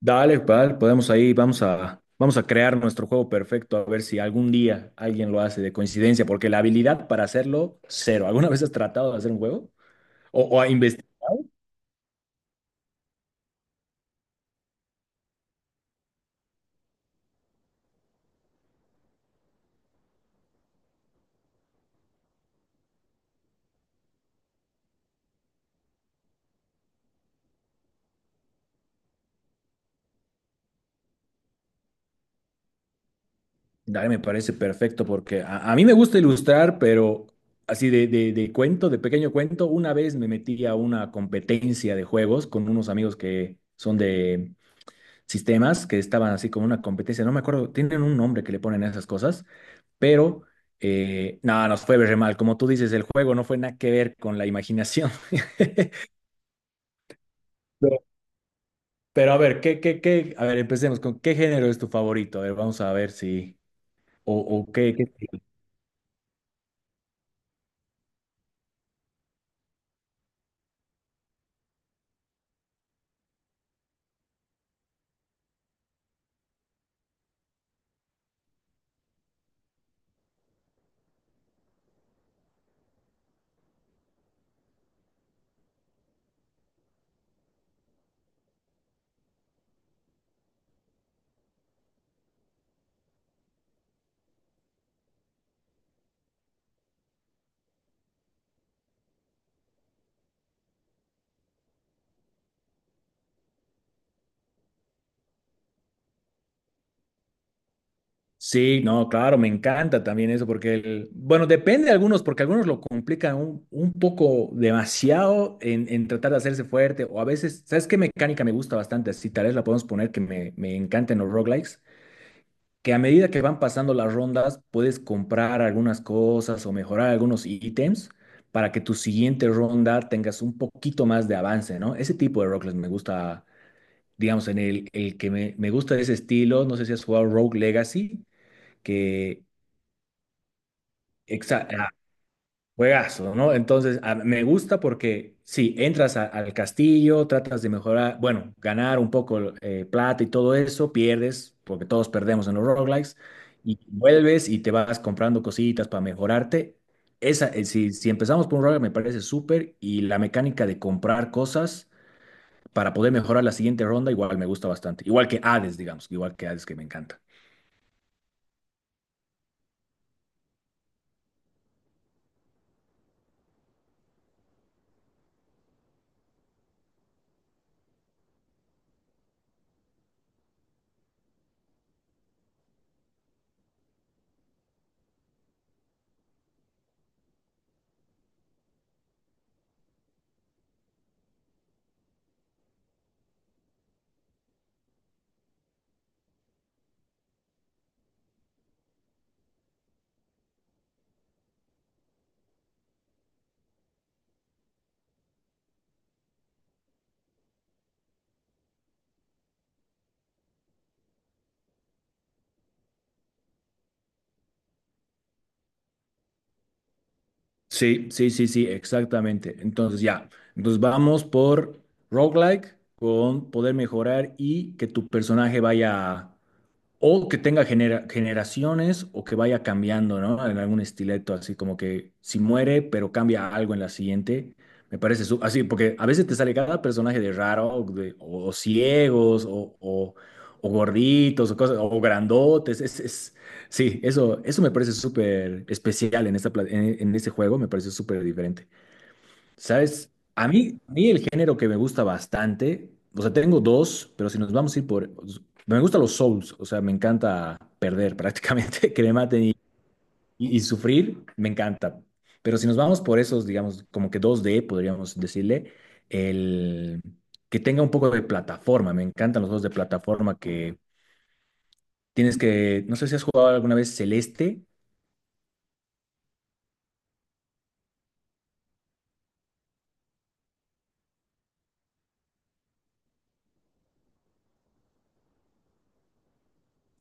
Dale, vale, podemos ahí, vamos a crear nuestro juego perfecto, a ver si algún día alguien lo hace de coincidencia, porque la habilidad para hacerlo, cero. ¿Alguna vez has tratado de hacer un juego? ¿O a investigar? Dale, me parece perfecto, porque a mí me gusta ilustrar, pero así de cuento, de pequeño cuento, una vez me metí a una competencia de juegos con unos amigos que son de sistemas que estaban así como una competencia, no me acuerdo, tienen un nombre que le ponen a esas cosas, pero no, nos fue re mal. Como tú dices, el juego no fue nada que ver con la imaginación. Pero, pero a ver, qué? A ver, empecemos con ¿qué género es tu favorito? A ver, vamos a ver si, o, o qué, Sí, no, claro, me encanta también eso, porque, bueno, depende de algunos, porque algunos lo complican un poco demasiado en tratar de hacerse fuerte, o a veces, ¿sabes qué mecánica me gusta bastante? Así tal vez la podemos poner que me encanta en los roguelikes, que a medida que van pasando las rondas, puedes comprar algunas cosas o mejorar algunos ítems para que tu siguiente ronda tengas un poquito más de avance, ¿no? Ese tipo de roguelikes me gusta, digamos, en el que me gusta de ese estilo, no sé si has jugado Rogue Legacy que Exacto, juegazo, ¿no? Entonces, me gusta porque sí, entras al castillo, tratas de mejorar, bueno, ganar un poco plata y todo eso, pierdes, porque todos perdemos en los roguelikes, y vuelves y te vas comprando cositas para mejorarte. Si empezamos por un roguelike, me parece súper, y la mecánica de comprar cosas para poder mejorar la siguiente ronda, igual me gusta bastante. Igual que Hades, digamos, igual que Hades, que me encanta. Sí, sí, sí, sí, exactamente. Entonces ya, entonces vamos por roguelike con poder mejorar y que tu personaje vaya o que tenga generaciones o que vaya cambiando, ¿no? En algún estileto, así como que si muere, pero cambia algo en la siguiente. Me parece así, porque a veces te sale cada personaje de raro, o, o ciegos, o gorditos, o cosas, o grandotes. Sí, eso, eso me parece súper especial en esta, en este juego, me parece súper diferente. ¿Sabes? A mí el género que me gusta bastante, o sea, tengo dos, pero si nos vamos a ir por... Me gustan los souls, o sea, me encanta perder prácticamente, que me maten y sufrir, me encanta. Pero si nos vamos por esos, digamos, como que dos d podríamos decirle, el que tenga un poco de plataforma, me encantan los juegos de plataforma que tienes que, no sé si has jugado alguna vez Celeste.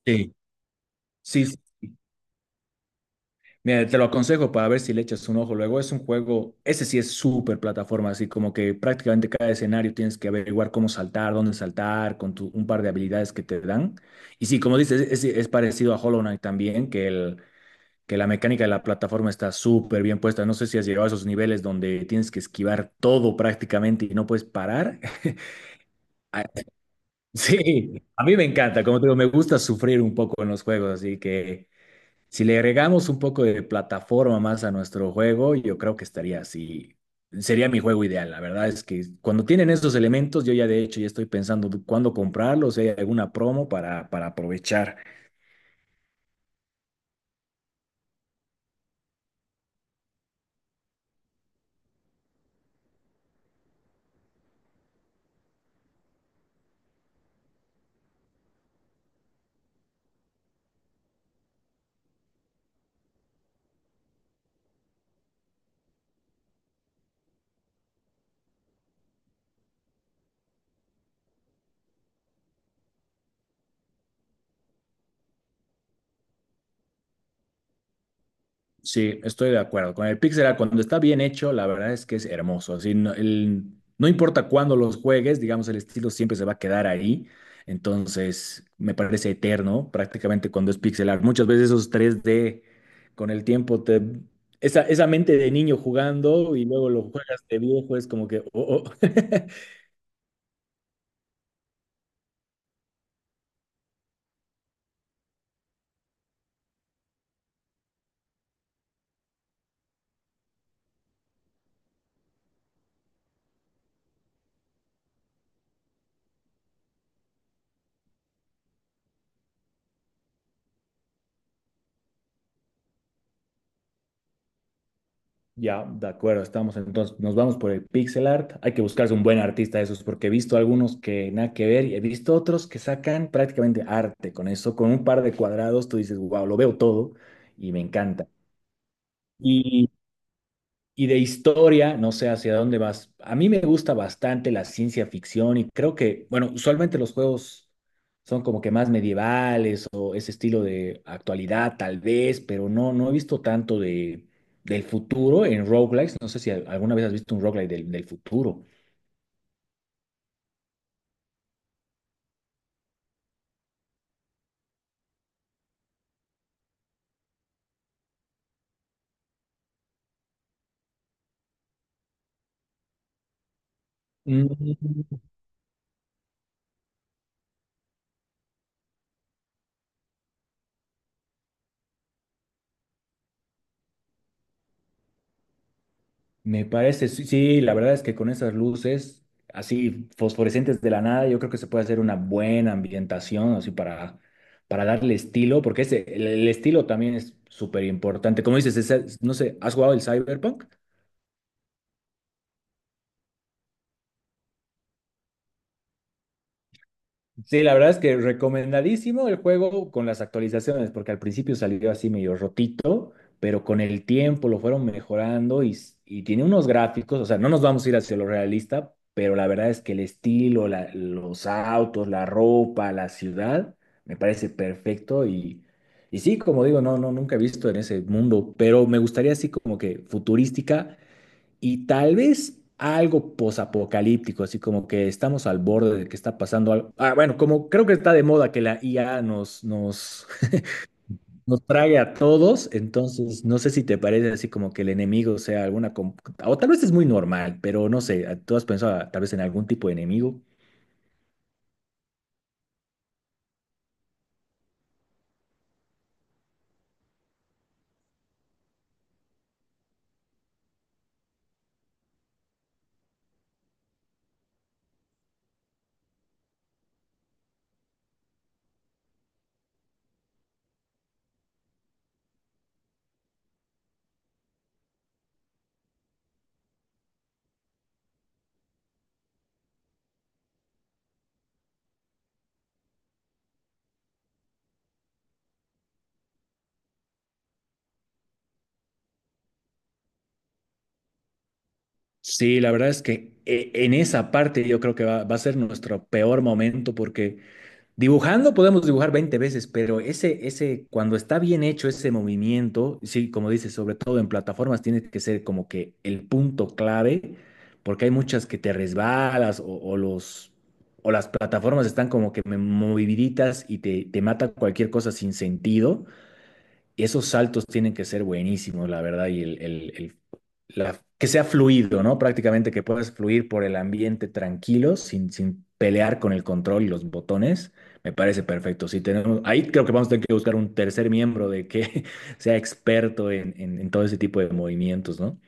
Sí. Sí, mira, te lo aconsejo para ver si le echas un ojo. Luego es un juego, ese sí es súper plataforma, así como que prácticamente cada escenario tienes que averiguar cómo saltar, dónde saltar, con un par de habilidades que te dan. Y sí, como dices, es parecido a Hollow Knight también, que la mecánica de la plataforma está súper bien puesta. No sé si has llegado a esos niveles donde tienes que esquivar todo prácticamente y no puedes parar. Ah, sí, a mí me encanta, como te digo, me gusta sufrir un poco en los juegos, así que... Si le agregamos un poco de plataforma más a nuestro juego, yo creo que estaría así. Sería mi juego ideal. La verdad es que cuando tienen esos elementos, yo ya de hecho ya estoy pensando cuándo comprarlos, si hay alguna promo para aprovechar. Sí, estoy de acuerdo. Con el pixel art, cuando está bien hecho, la verdad es que es hermoso. Así, no, no importa cuándo los juegues, digamos, el estilo siempre se va a quedar ahí. Entonces, me parece eterno prácticamente cuando es pixel art. Muchas veces esos tres d con el tiempo, esa mente de niño jugando y luego lo juegas de viejo, es como que, oh, oh. Ya, de acuerdo, estamos entonces, nos vamos por el pixel art. Hay que buscarse un buen artista de esos, porque he visto algunos que nada que ver y he visto otros que sacan prácticamente arte con eso, con un par de cuadrados, tú dices, wow, lo veo todo y me encanta. Y de historia, no sé hacia dónde vas. A mí me gusta bastante la ciencia ficción y creo que, bueno, usualmente los juegos son como que más medievales o ese estilo de actualidad tal vez, pero no, no he visto tanto de, del futuro en roguelikes. No sé si alguna vez has visto un roguelike del futuro. Mm. Me parece, sí, sí, la verdad es que con esas luces así fosforescentes de la nada, yo creo que se puede hacer una buena ambientación así para darle estilo, porque ese, el estilo también es súper importante. Como dices, no sé, ¿has jugado el Cyberpunk? Sí, la verdad es que recomendadísimo el juego con las actualizaciones, porque al principio salió así medio rotito, pero con el tiempo lo fueron mejorando y tiene unos gráficos, o sea, no nos vamos a ir hacia lo realista, pero la verdad es que el estilo, los autos, la ropa, la ciudad, me parece perfecto y sí, como digo, no, no, nunca he visto en ese mundo, pero me gustaría así como que futurística y tal vez algo posapocalíptico, así como que estamos al borde de que está pasando algo. Ah, bueno, como creo que está de moda que la IA nos, nos trague a todos, entonces no sé si te parece así como que el enemigo sea alguna, o tal vez es muy normal, pero no sé, ¿tú has pensado tal vez en algún tipo de enemigo? Sí, la verdad es que en esa parte yo creo que va a ser nuestro peor momento porque dibujando podemos dibujar 20 veces, pero ese, cuando está bien hecho ese movimiento, sí, como dices, sobre todo en plataformas, tiene que ser como que el punto clave, porque hay muchas que te resbalas o las plataformas están como que moviditas y te mata cualquier cosa sin sentido. Y esos saltos tienen que ser buenísimos, la verdad, y que sea fluido, ¿no? Prácticamente que puedas fluir por el ambiente tranquilo, sin pelear con el control y los botones, me parece perfecto. Si tenemos, ahí creo que vamos a tener que buscar un tercer miembro de que sea experto en todo ese tipo de movimientos, ¿no?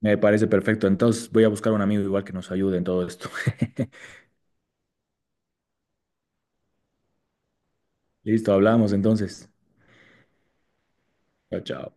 Me parece perfecto. Entonces voy a buscar un amigo igual que nos ayude en todo esto. Listo, hablamos entonces. Chao, chao.